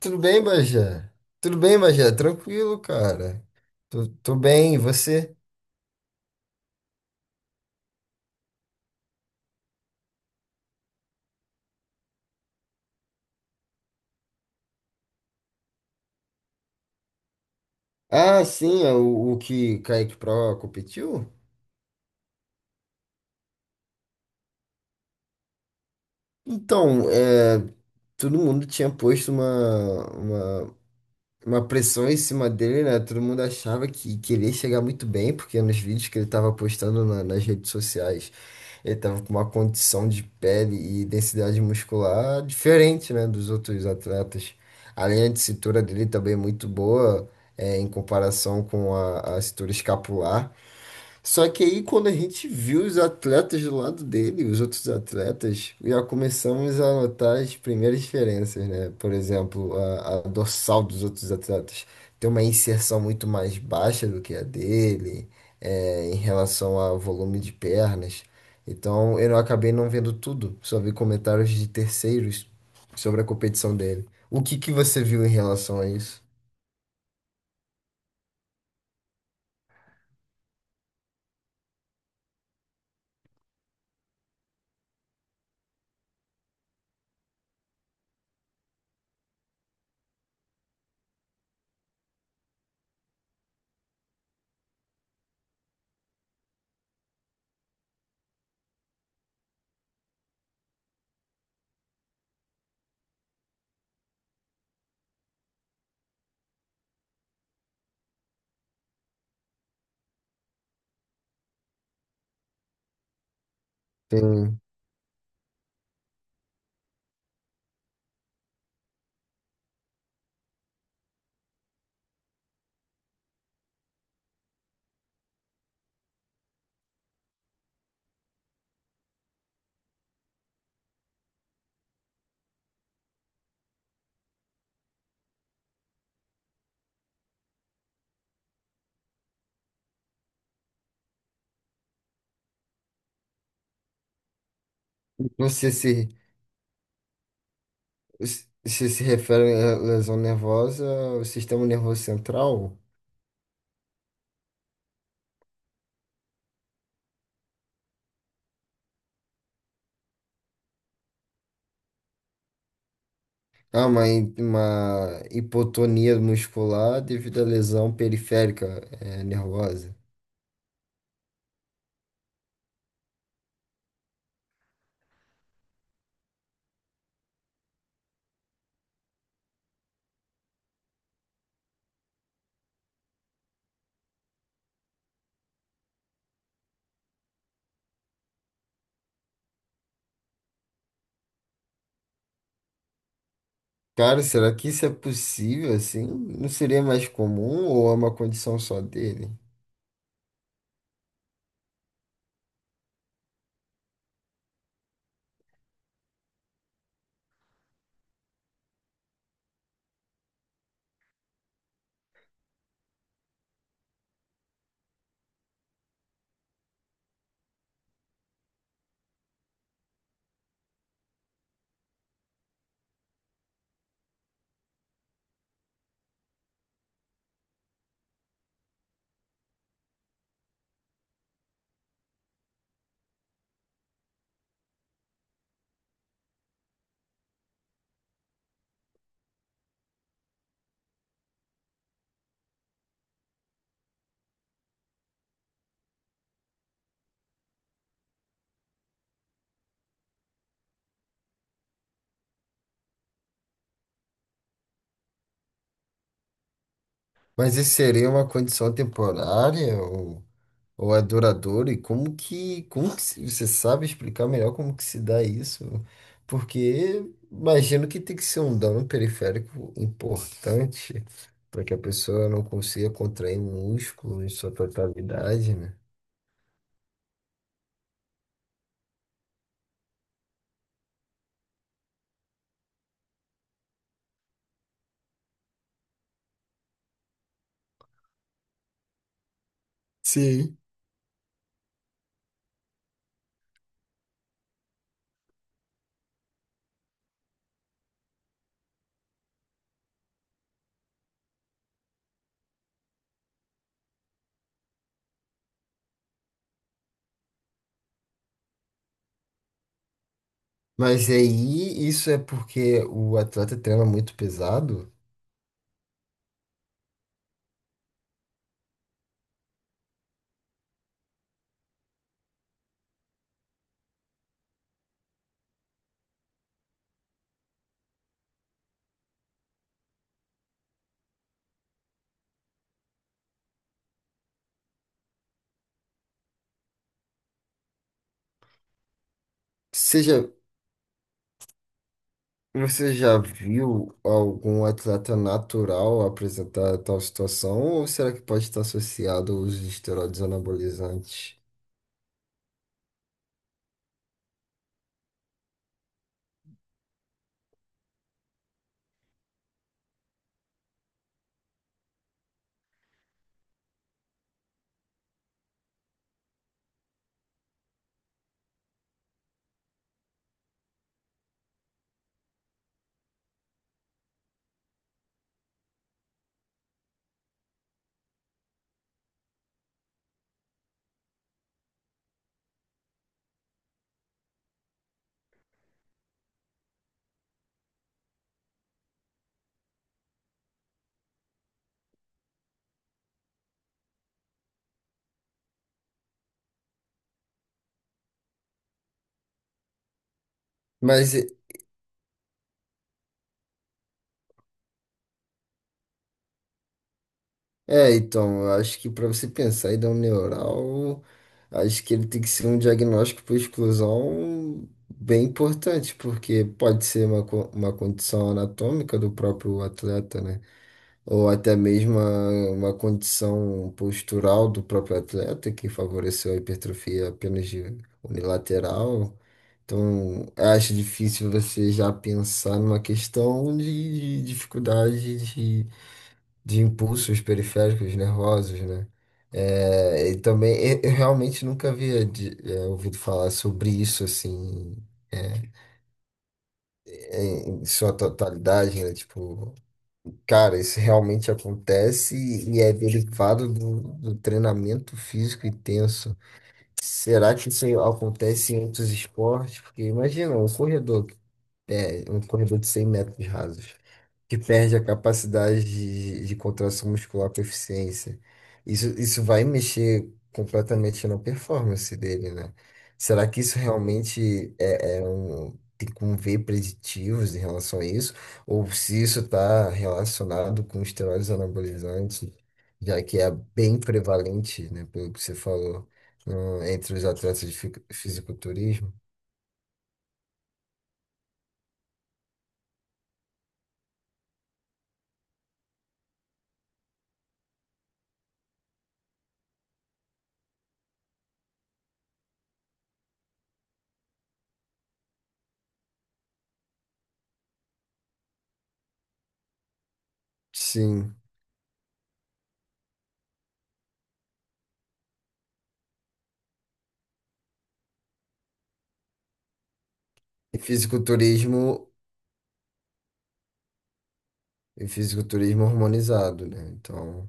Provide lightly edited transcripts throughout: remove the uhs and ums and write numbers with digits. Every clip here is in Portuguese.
Tudo bem, Bajé? Tudo bem, Bajé? Tranquilo, cara. Tô bem, e você? Ah, sim, é o que Kaique Pro competiu? Então, é, todo mundo tinha posto uma pressão em cima dele, né? Todo mundo achava que ele ia chegar muito bem, porque nos vídeos que ele tava postando nas redes sociais, ele tava com uma condição de pele e densidade muscular diferente, né, dos outros atletas. A linha de cintura dele também é muito boa, é, em comparação com a cintura escapular. Só que aí, quando a gente viu os atletas do lado dele, os outros atletas, já começamos a notar as primeiras diferenças, né? Por exemplo, a dorsal dos outros atletas tem uma inserção muito mais baixa do que a dele, é, em relação ao volume de pernas. Então, eu acabei não vendo tudo, só vi comentários de terceiros sobre a competição dele. O que que você viu em relação a isso? Tem, não sei se se se refere à lesão nervosa, o sistema nervoso central? Ah, uma, uma hipotonia muscular devido à lesão periférica, nervosa. Cara, será que isso é possível assim? Não seria mais comum ou é uma condição só dele? Mas isso seria uma condição temporária ou... ou é duradouro? E como que você sabe explicar melhor como que se dá isso? Porque imagino que tem que ser um dano periférico importante para que a pessoa não consiga contrair músculo em sua totalidade, né? Sim. Mas aí isso é porque o atleta treina muito pesado. Seja, você já viu algum atleta natural apresentar tal situação? Ou será que pode estar associado aos uso esteroides anabolizantes? Mas, então, eu acho que para você pensar em dar um neural, acho que ele tem que ser um diagnóstico por exclusão bem importante, porque pode ser uma, uma condição anatômica do próprio atleta, né? Ou até mesmo uma condição postural do próprio atleta que favoreceu a hipertrofia apenas de unilateral. Então, eu acho difícil você já pensar numa questão de dificuldade de impulsos periféricos nervosos, né? É, e também eu realmente nunca havia é, ouvido falar sobre isso assim, é, em em sua totalidade, né? Tipo, cara, isso realmente acontece e é derivado do, do treinamento físico intenso. Será que isso acontece em outros esportes? Porque imagina um corredor, é, um corredor de 100 metros rasos que perde a capacidade de contração muscular com eficiência. Isso vai mexer completamente na performance dele, né? Será que isso realmente é, é um, tem como ver preditivos em relação a isso? Ou se isso está relacionado com esteroides anabolizantes, já que é bem prevalente, né, pelo que você falou, entre os atletas de fisiculturismo? Sim. E fisiculturismo E fisiculturismo harmonizado, né? Então,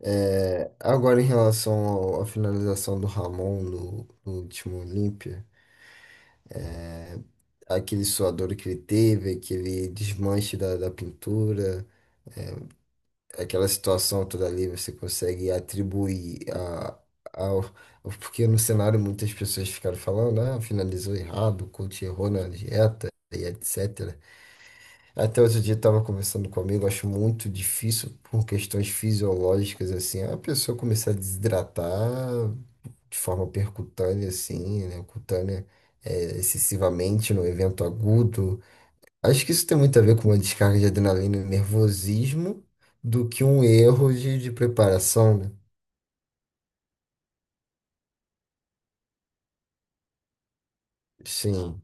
é, agora em relação à finalização do Ramon no último Olímpia, aquele suador que ele teve, aquele desmanche da pintura, aquela situação toda ali, você consegue atribuir a, ao. Porque no cenário muitas pessoas ficaram falando, ah, finalizou errado, o coach errou na dieta e etc. Até outro dia estava conversando comigo, acho muito difícil por questões fisiológicas assim, a pessoa começar a desidratar de forma percutânea assim, né, cutânea, é, excessivamente no evento agudo. Acho que isso tem muito a ver com uma descarga de adrenalina e nervosismo do que um erro de preparação, né? Sim,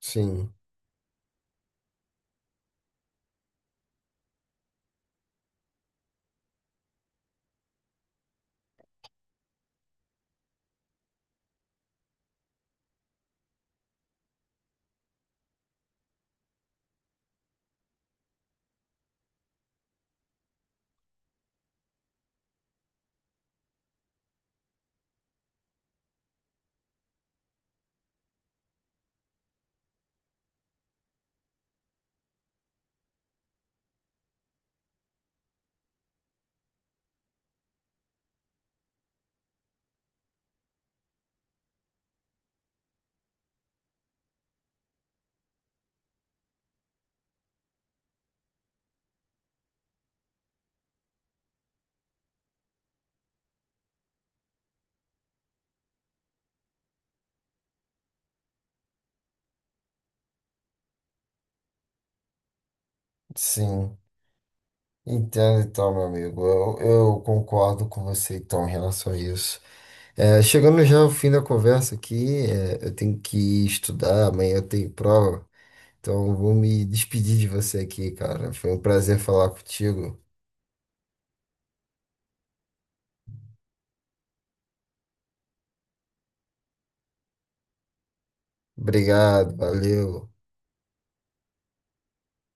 sim, sim. Entendo então, meu amigo. Eu concordo com você então em relação a isso. É, chegando já ao fim da conversa aqui, é, eu tenho que estudar, amanhã eu tenho prova, então eu vou me despedir de você aqui, cara. Foi um prazer falar contigo. Obrigado, valeu.